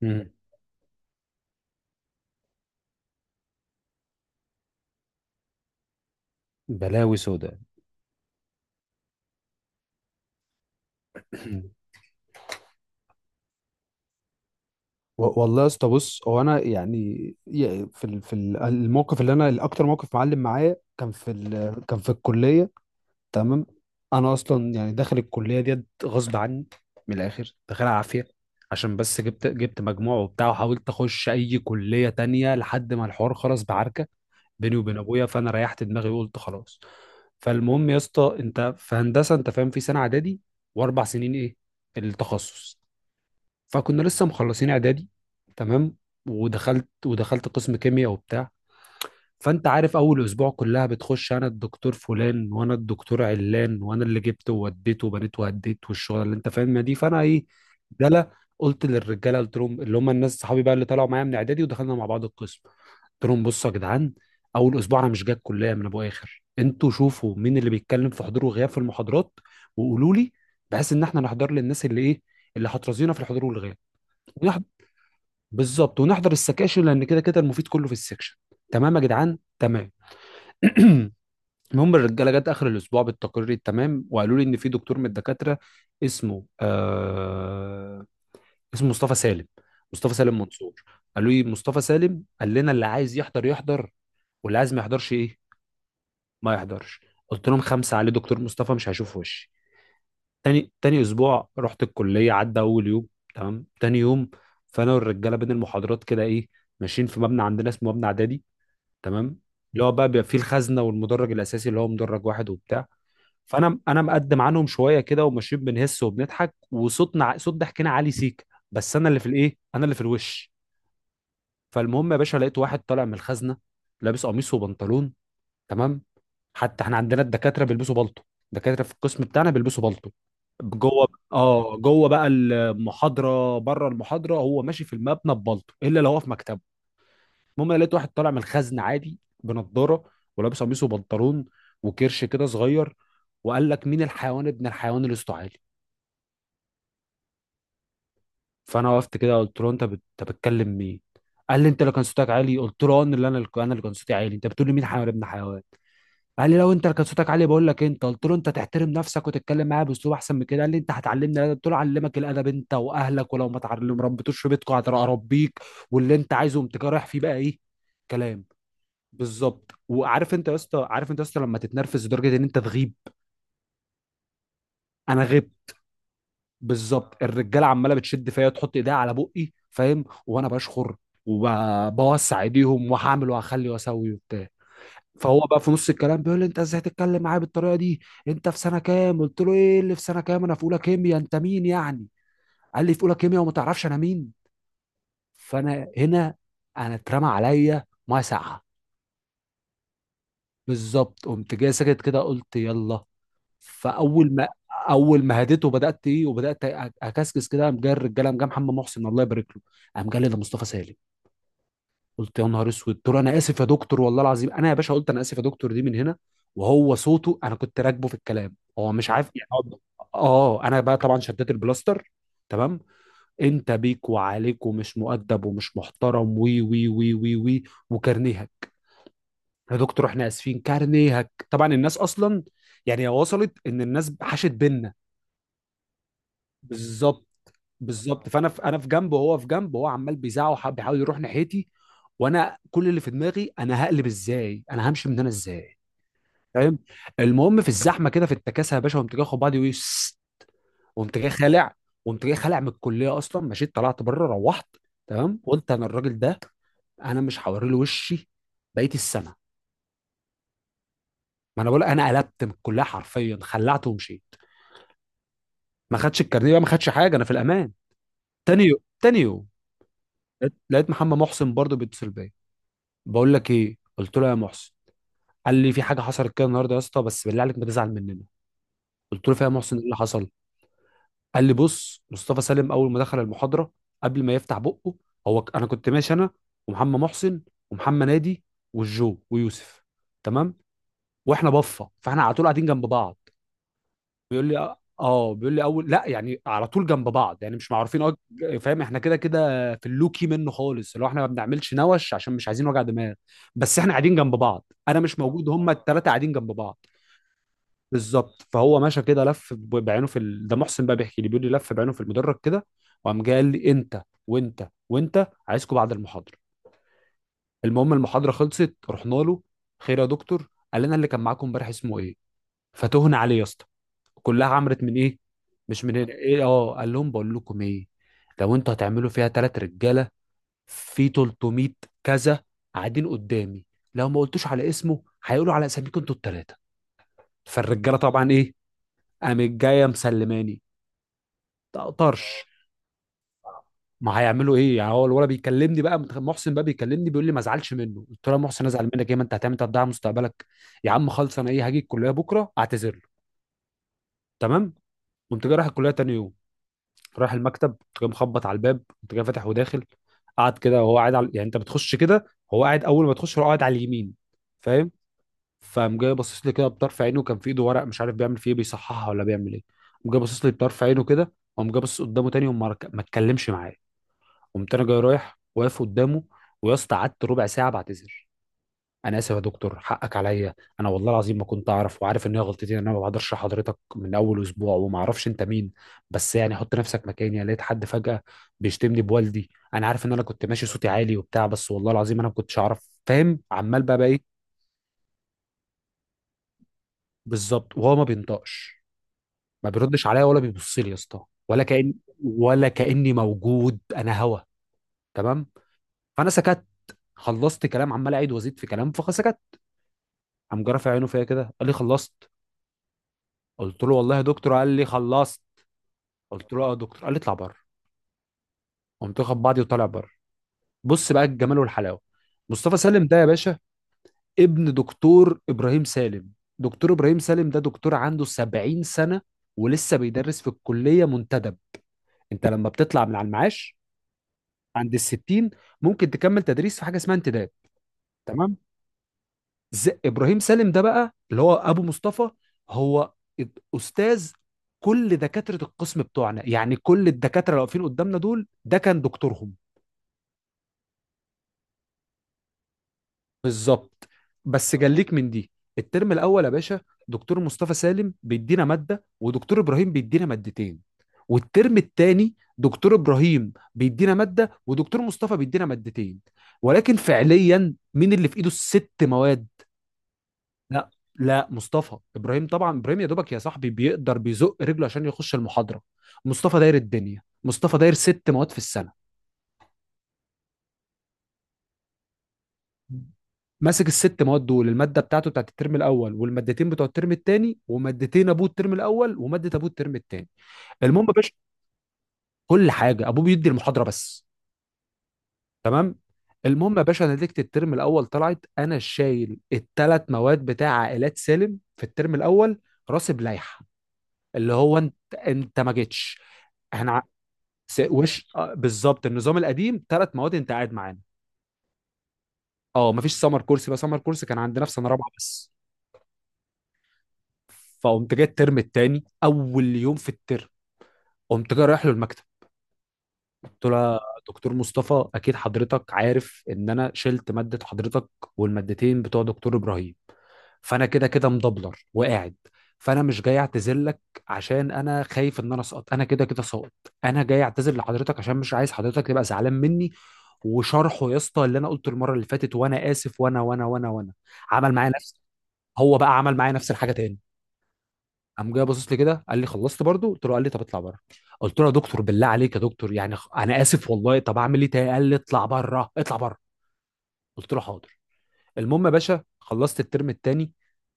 مم. بلاوي سودا. والله يا اسطى، بص هو انا يعني الموقف اللي انا الاكتر موقف معلم معايا كان كان في الكليه. تمام. انا اصلا يعني داخل الكليه ديت غصب عني، من الاخر داخلها عافيه عشان بس جبت مجموع وبتاع وحاولت اخش اي كليه تانية لحد ما الحوار خلص بعركه بيني وبين ابويا، فانا ريحت دماغي وقلت خلاص. فالمهم يا اسطى، انت في هندسه انت فاهم، في سنه اعدادي واربع سنين ايه التخصص. فكنا لسه مخلصين اعدادي، تمام، ودخلت قسم كيمياء وبتاع. فانت عارف اول اسبوع كلها بتخش انا الدكتور فلان وانا الدكتور علان وانا اللي جبت ووديت وبنيت وهديت والشغل اللي انت فاهمها دي. فانا ايه، دلا، قلت للرجاله، قلت لهم اللي هم الناس صحابي بقى اللي طلعوا معايا من اعدادي ودخلنا مع بعض القسم، قلت لهم بصوا يا جدعان، اول اسبوع انا مش جاي الكليه من ابو اخر، انتوا شوفوا مين اللي بيتكلم في حضور وغياب في المحاضرات وقولوا لي، بحيث ان احنا نحضر للناس اللي ايه، اللي هترازينا في الحضور والغياب. بالظبط، ونحضر السكاشن لان كده كده المفيد كله في السكشن. تمام يا جدعان، تمام. المهم الرجاله جت اخر الاسبوع بالتقرير التمام وقالوا لي ان في دكتور من الدكاتره اسمه اسمه مصطفى سالم، مصطفى سالم منصور. قالوا لي مصطفى سالم قال لنا اللي عايز يحضر يحضر واللي عايز ما يحضرش ايه، ما يحضرش. قلت لهم خمسه عليه، دكتور مصطفى مش هيشوف وشي. تاني اسبوع رحت الكليه، عدى اول يوم تمام، تاني يوم فانا والرجاله بين المحاضرات كده ايه، ماشيين في مبنى عندنا اسمه مبنى اعدادي، تمام، اللي هو بقى بيبقى فيه الخزنه والمدرج الاساسي اللي هو مدرج واحد وبتاع. فانا مقدم عنهم شويه كده وماشيين بنهس وبنضحك وصوتنا صوت ضحكنا عالي سيك، بس انا اللي في الايه، انا اللي في الوش. فالمهم يا باشا لقيت واحد طالع من الخزنه، لابس قميص وبنطلون، تمام. حتى احنا عندنا الدكاتره بيلبسوا بالطو، الدكاتره في القسم بتاعنا بيلبسوا بالطو جوه. اه، جوه بقى المحاضره، بره المحاضره هو ماشي في المبنى ببالطو الا لو هو في مكتبه. المهم انا لقيت واحد طالع من الخزن عادي بنضاره ولابس قميص وبنطلون وكرش كده صغير، وقال لك مين الحيوان ابن الحيوان اللي صوته عالي. فانا وقفت كده قلت له انت بتكلم مين؟ قال لي انت اللي كان صوتك عالي. قلت له اه، انا اللي كان صوتي عالي، انت بتقول لي مين حيوان ابن حيوان؟ قال لي لو انت كان صوتك عالي بقول لك انت. قلت له انت تحترم نفسك وتتكلم معايا باسلوب احسن من كده. قال لي انت هتعلمني الادب؟ قلت له علمك الادب انت واهلك، ولو ما تعلم ربيتوش في بيتكم هتربيك واللي انت عايزه. قمت رايح فيه بقى ايه كلام. بالظبط. وعارف انت يا اسطى، عارف انت يا اسطى لما تتنرفز لدرجه ان انت تغيب؟ انا غبت بالظبط. الرجاله عماله بتشد فيا، تحط ايديها على بقي فاهم وانا بشخر، وبوسع ايديهم وهعمل وهخلي واسوي وبتاع. فهو بقى في نص الكلام بيقول لي انت ازاي تتكلم معايا بالطريقه دي، انت في سنه كام؟ قلت له ايه اللي في سنه كام، انا في اولى كيمياء، انت مين يعني؟ قال لي في اولى كيمياء وما تعرفش انا مين؟ فانا هنا انا اترمى عليا ميه ساقعه. بالظبط، قمت جاي ساكت كده قلت يلا. فاول ما اول ما هديته، بدات ايه وبدات اكسكس كده. قام جاي الرجاله، قام جاي محمد محسن الله يبارك له، قام جاي لي ده مصطفى سالم. قلت يا نهار اسود، قلت له انا اسف يا دكتور والله العظيم، انا يا باشا قلت انا اسف يا دكتور دي من هنا. وهو صوته، انا كنت راكبه في الكلام هو مش عارف يعني اه انا بقى طبعا شديت البلاستر، تمام، انت بيك وعليك ومش مؤدب ومش محترم، وي وي وي وي وي، وكارنيهك. يا دكتور احنا اسفين، كارنيهك، طبعا الناس اصلا يعني وصلت ان الناس حاشت بينا. بالظبط بالظبط. فانا في، انا في جنبه وهو في جنبه، وهو عمال بيزعق بيحاول يروح ناحيتي، وانا كل اللي في دماغي انا هقلب ازاي، انا همشي من هنا ازاي؟ فاهم. المهم في الزحمه كده، في التكاسه يا باشا، قمت جاي اخد بعضي ويس، قمت جاي خالع. قمت جاي خالع من الكليه اصلا، مشيت طلعت بره روحت، تمام. قلت انا الراجل ده انا مش هوري له وشي بقيه السنه. ما انا بقول، انا قلبت من الكليه حرفيا، خلعت ومشيت. ما خدش الكارنيه بقى، ما خدش حاجه، انا في الامان. تاني يوم لقيت محمد محسن برضه بيتصل بيا، بقول لك ايه، قلت له يا محسن. قال لي في حاجه حصلت كده النهارده يا اسطى، بس بالله عليك ما تزعل مننا. قلت له فيها يا محسن، ايه اللي حصل؟ قال لي بص مصطفى سالم اول ما دخل المحاضره، قبل ما يفتح بقه، انا كنت ماشي انا ومحمد محسن ومحمد نادي والجو ويوسف، تمام، واحنا بفه فاحنا على طول قاعدين جنب بعض. بيقول لي بيقول لي اول لا يعني على طول جنب بعض يعني مش معروفين اه. فاهم، احنا كده كده في اللوكي منه خالص، اللي هو احنا ما بنعملش نوش عشان مش عايزين وجع دماغ. بس احنا قاعدين جنب بعض، انا مش موجود، هما الثلاثه قاعدين جنب بعض. بالظبط. فهو ماشى كده لف بعينه في ال... ده محسن بقى بيحكي لي، بيقول لي لف بعينه في المدرج كده، وقام جاي قال لي انت وانت عايزكم بعد المحاضره. المهم المحاضره خلصت، رحنا له. خير يا دكتور؟ قال لنا اللي كان معاكم امبارح اسمه ايه؟ فتهنا عليه يا اسطى، كلها عمرت من ايه، مش من هنا ايه اه. قال لهم بقول لكم ايه، لو انتوا هتعملوا فيها تلات رجاله في 300 كذا قاعدين قدامي، لو ما قلتوش على اسمه هيقولوا على اساميكم انتوا التلاته. فالرجاله طبعا ايه، قامت جايه مسلماني، تقطرش. ما هيعملوا ايه يعني. هو الولد بيكلمني بقى محسن بقى بيكلمني، بيقول لي ما ازعلش منه. قلت له يا محسن ازعل منك ايه، ما انت هتعمل تضيع مستقبلك يا عم خالص، انا ايه هاجي الكليه بكره اعتذر له. تمام. قمت جاي رايح الكليه تاني يوم، رايح المكتب، جاي مخبط على الباب، انت جاي فاتح وداخل، قعد كده، وهو قاعد على، يعني انت بتخش كده هو قاعد اول ما تخش هو قاعد على اليمين، فاهم. فقام جاي باصص لي كده بطرف عينه، كان في ايده ورق مش عارف بيعمل فيه ايه، بيصححها ولا بيعمل ايه. قام جاي باصص لي بطرف عينه كده، وقام جاي باصص قدامه تاني، ما اتكلمش معايا. قمت انا جاي رايح واقف قدامه، ويا اسطى قعدت ربع ساعه بعتذر، انا اسف يا دكتور حقك عليا، انا والله العظيم ما كنت اعرف، وعارف ان هي غلطتي ان انا ما بقدرش حضرتك من اول اسبوع وما اعرفش انت مين، بس يعني حط نفسك مكاني. أنا لقيت حد فجأة بيشتمني بوالدي، انا عارف ان انا كنت ماشي صوتي عالي وبتاع، بس والله العظيم انا ما كنتش اعرف فاهم، عمال بقى ايه. بالظبط، وهو ما بينطقش ما بيردش عليا ولا بيبص لي يا اسطى، ولا كأن، ولا كأني موجود انا هوا، تمام. فانا سكت، خلصت كلام، عمال اعيد وازيد في كلام فسكت. قام جرى في عينه فيا كده، قال لي خلصت؟ قلت له والله يا دكتور. قال لي خلصت؟ قلت له اه يا دكتور. قال لي اطلع بره. قمت واخد بعضي وطالع بره. بص بقى الجمال والحلاوه، مصطفى سالم ده يا باشا ابن دكتور ابراهيم سالم. دكتور ابراهيم سالم ده دكتور عنده 70 سنه ولسه بيدرس في الكليه منتدب. انت لما بتطلع من على المعاش عند ال 60، ممكن تكمل تدريس في حاجه اسمها انتداب. تمام. ابراهيم سالم ده بقى اللي هو ابو مصطفى، هو استاذ كل دكاتره القسم بتوعنا، يعني كل الدكاتره اللي واقفين قدامنا دول ده كان دكتورهم. بالظبط. بس جليك من دي، الترم الاول يا باشا دكتور مصطفى سالم بيدينا ماده ودكتور ابراهيم بيدينا مادتين، والترم الثاني دكتور ابراهيم بيدينا ماده ودكتور مصطفى بيدينا مادتين، ولكن فعليا مين اللي في ايده الست مواد؟ لا لا، مصطفى. ابراهيم طبعا، ابراهيم يا دوبك يا صاحبي بيقدر بيزق رجله عشان يخش المحاضره. مصطفى داير الدنيا، مصطفى داير ست مواد في السنه، ماسك الست مواد دول، الماده بتاعته بتاعت الترم الاول والمادتين بتوع الترم الثاني، ومادتين ابوه الترم الاول وماده ابوه الترم الثاني. المهم يا باشا كل حاجه، ابوه بيدي المحاضره بس. تمام. المهم يا باشا نتيجه الترم الاول طلعت، انا شايل الثلاث مواد بتاع عائلات سالم في الترم الاول، راسب لائحه. اللي هو انت، انت ما جيتش. احنا س- وش آه، بالظبط النظام القديم ثلاث مواد انت قاعد معانا. اه، مفيش سمر كورس بقى، سمر كورس كان عندنا في سنه رابعه بس. فقمت جاي الترم الثاني اول يوم في الترم، قمت جاي رايح له المكتب. قلت له يا دكتور مصطفى، اكيد حضرتك عارف ان انا شلت ماده حضرتك والمادتين بتوع دكتور ابراهيم، فانا كده كده مدبلر وقاعد، فانا مش جاي اعتذر لك عشان انا خايف ان انا اسقط، انا كده كده ساقط، انا جاي اعتذر لحضرتك عشان مش عايز حضرتك تبقى زعلان مني. وشرحه يا اسطى اللي انا قلته المره اللي فاتت، وانا اسف وانا وانا وانا وانا. عمل معايا نفس، هو بقى عمل معايا نفس الحاجه تاني. قام جاي باصص لي كده قال لي خلصت برضو؟ قلت له. قال لي طب اطلع بره. قلت له يا دكتور بالله عليك يا دكتور يعني انا اسف والله، طب اعمل ايه تاني؟ قال لي اطلع بره اطلع بره. قلت له حاضر. المهم يا باشا خلصت الترم التاني،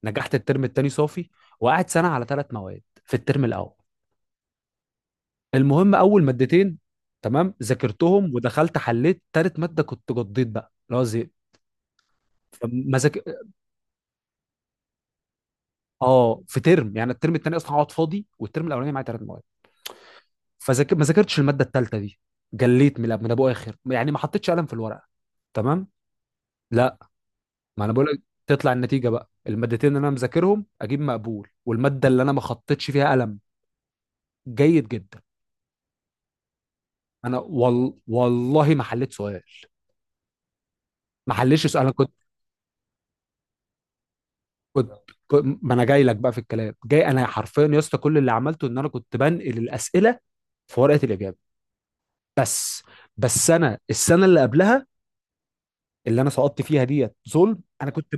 نجحت الترم التاني صافي، وقعد سنه على ثلاث مواد في الترم الاول. المهم اول مادتين تمام ذاكرتهم، ودخلت حليت تالت ماده كنت قضيت بقى اللي هو زهقت. فما ذاك- اه، في ترم يعني الترم التاني اصلا هقعد فاضي، والترم الاولاني معايا ثلاث مواد. ما ذاكرتش الماده الثالثه دي. جليت من ابو اخر، يعني ما حطيتش قلم في الورقه. تمام. لا، ما انا بقول لك، تطلع النتيجه بقى المادتين اللي انا مذاكرهم اجيب مقبول، والماده اللي انا ما خطيتش فيها قلم جيد جدا. والله ما حليت سؤال، ما حليتش سؤال. انا كنت كنت كنت- ما انا جاي لك بقى في الكلام، جاي انا حرفيا يا اسطى كل اللي عملته ان انا كنت بنقل الاسئله في ورقه الاجابه بس. بس انا السنه اللي قبلها اللي انا سقطت فيها ديت ظلم. انا كنت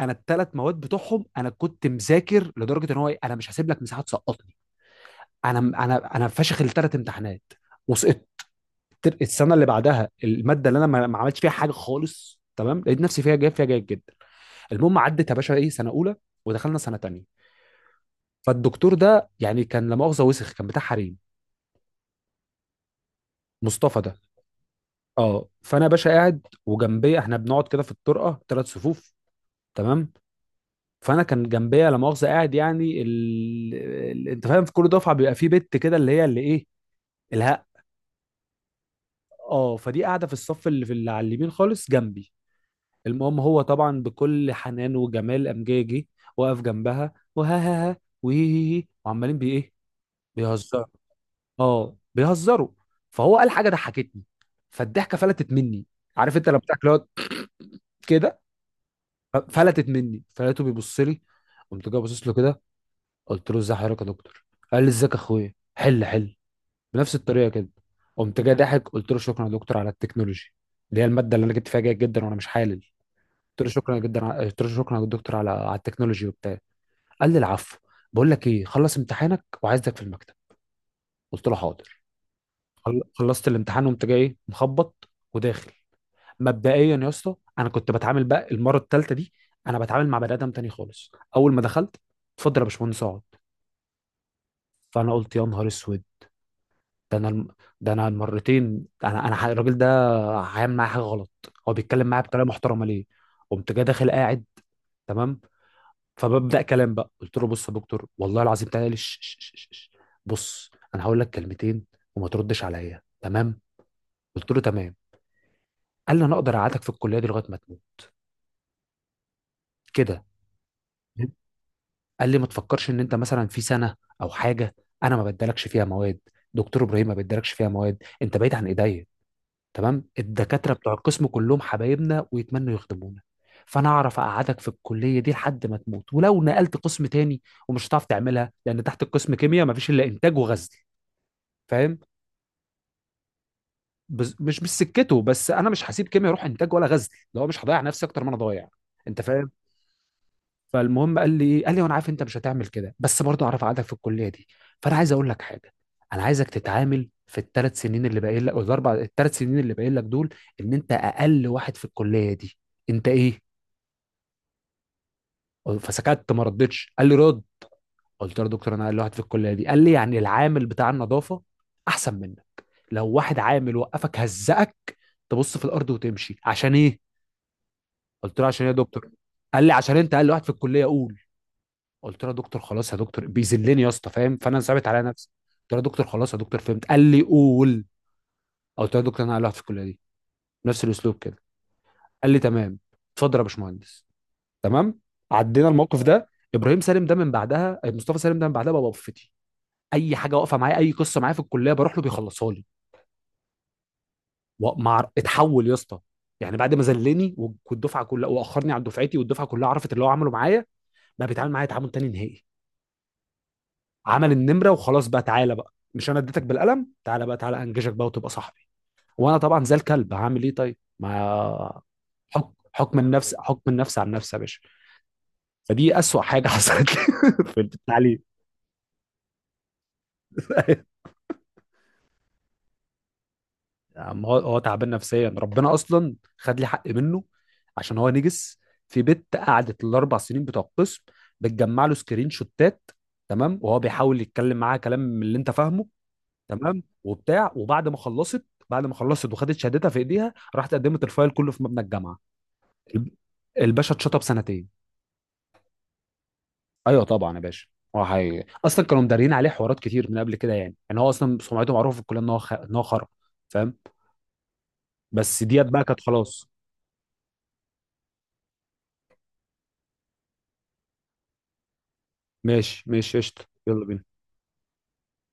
انا الثلاث مواد بتوعهم انا كنت مذاكر لدرجه ان هو إيه، انا مش هسيب لك مساحه تسقطني. انا انا فاشخ الثلاث امتحانات وسقطت. السنه اللي بعدها الماده اللي انا ما عملتش فيها حاجه خالص تمام، لقيت نفسي فيها جايب فيها جيد جدا. المهم عدت يا باشا ايه سنه اولى، ودخلنا سنه تانية. فالدكتور ده يعني كان لا مؤاخذه وسخ، كان بتاع حريم. مصطفى ده، اه. فانا يا باشا قاعد وجنبي، احنا بنقعد كده في الطرقه ثلاث صفوف، تمام؟ فانا كان جنبيا لا مؤاخذه قاعد يعني انت فاهم، في كل دفعه بيبقى في بت كده اللي هي اللي ايه، الهق. اه، فدي قاعده في الصف اللي في اللي على اليمين خالص جنبي. المهم هو طبعا بكل حنان وجمال قام جاي جه، واقف جنبها، وها ها ها وهي هي هي، وعمالين بي ايه؟ بيهزروا، اه بيهزروا. فهو قال حاجه ضحكتني، فالضحكه فلتت مني. عارف انت لما بتاكل كده، فلتت مني، فلقيته بيبص لي. قمت جاي باصص له كده قلت له ازاي حضرتك يا دكتور. قال لي ازيك يا اخويا، حل حل، بنفس الطريقه كده. قمت جاي ضاحك قلت له شكرا يا دكتور على التكنولوجي، اللي هي الماده اللي انا جبت فيها جيد جدا وانا مش حالل. قلت له شكرا يا دكتور على على التكنولوجي وبتاع. قال لي العفو، بقول لك ايه، خلص امتحانك وعايزك في المكتب. قلت له حاضر. خلصت الامتحان وقمت جاي إيه؟ مخبط وداخل. مبدئيا يا اسطى انا كنت بتعامل بقى المره الثالثه دي، انا بتعامل مع بني ادم تاني خالص. اول ما دخلت، اتفضل يا باشمهندس اقعد. فانا قلت يا نهار اسود، ده انا الم- ده انا المرتين، الراجل ده هيعمل معايا حاجه غلط. هو بيتكلم معايا بطريقه محترمه ليه؟ قمت جاي داخل قاعد تمام، فببدا كلام بقى قلت له بص يا دكتور والله العظيم تعالى لي ش- ش- ش- ش- ش. بص انا هقول لك كلمتين، وما تردش عليا، تمام؟ قلت له تمام. قال لي انا اقدر اقعدك في الكليه دي لغايه ما تموت، كده. قال لي ما تفكرش ان انت مثلا في سنه او حاجه، انا ما بدالكش فيها مواد. دكتور ابراهيم ما بدالكش فيها مواد، انت بعيد عن ايديا تمام. الدكاتره بتوع القسم كلهم حبايبنا ويتمنوا يخدمونا، فانا اعرف اقعدك في الكليه دي لحد ما تموت. ولو نقلت قسم تاني ومش هتعرف تعملها، لان تحت القسم كيمياء مفيش الا انتاج وغزل، فاهم؟ مش سكته، بس انا مش هسيب كيمياء اروح انتاج ولا غزل، اللي هو مش هضيع نفسي اكتر ما انا ضايع. انت فاهم؟ فالمهم قال لي ايه، قال لي وانا عارف انت مش هتعمل كده بس برضه اعرف قعدك في الكليه دي. فانا عايز اقول لك حاجه، انا عايزك تتعامل في الثلاث سنين اللي باقيين لك أو الاربع الثلاث سنين اللي باقيين لك دول ان انت اقل واحد في الكليه دي. انت ايه؟ فسكت ما ردتش، قال لي رد. قلت له يا دكتور انا اقل واحد في الكليه دي؟ قال لي يعني العامل بتاع النظافه احسن منك. لو واحد عامل وقفك هزقك، تبص في الارض وتمشي، عشان ايه؟ قلت له عشان ايه يا دكتور؟ قال لي عشان انت اقل واحد في الكليه، قول. قلت له يا دكتور خلاص يا دكتور، بيذلني يا اسطى فاهم، فانا ثابت على نفسي. قلت له يا دكتور خلاص يا دكتور فهمت. قال لي قول. قلت له يا دكتور انا اقلعت في الكليه دي، نفس الاسلوب كده. قال لي تمام، اتفضل يا باشمهندس، تمام. عدينا الموقف ده. ابراهيم سالم ده من بعدها، مصطفى سالم ده من بعدها، بقى وقفتي اي حاجه واقفه معايا اي قصه معايا في الكليه بروح له بيخلصها لي. ومع اتحول يا اسطى، يعني بعد ما ذلني والدفعه كلها، واخرني عن دفعتي والدفعه كلها عرفت اللي هو عمله معايا، بقى بيتعامل معايا تعامل تاني نهائي. عمل النمره وخلاص بقى تعالى بقى، مش انا اديتك بالقلم، تعالى بقى تعالى انجزك بقى وتبقى صاحبي. وانا طبعا زي الكلب هعمل ايه طيب، ما حكم حكم النفس، حكم النفس عن نفسي يا باشا. فدي اسوأ حاجه حصلت لي في التعليم يا عم هو تعبان نفسيا، ربنا اصلا خد لي حق منه عشان هو نجس. في بنت قعدت الاربع سنين بتوع القسم بتجمع له سكرين شوتات، تمام، وهو بيحاول يتكلم معاها كلام من اللي انت فاهمه، تمام، وبتاع. وبعد ما خلصت وخدت شهادتها في ايديها، راحت قدمت الفايل كله في مبنى الجامعه. الب- الباشا اتشطب سنتين. ايوه طبعا يا باشا، هو حقيقي اصلا كانوا مدارين عليه حوارات كتير من قبل كده. يعني يعني هو اصلا سمعته معروفه في الكليه ان هو ان هو خرا، فاهم. بس ديت بقى كانت خلاص. ماشي ماشي، قشطه، يلا بينا.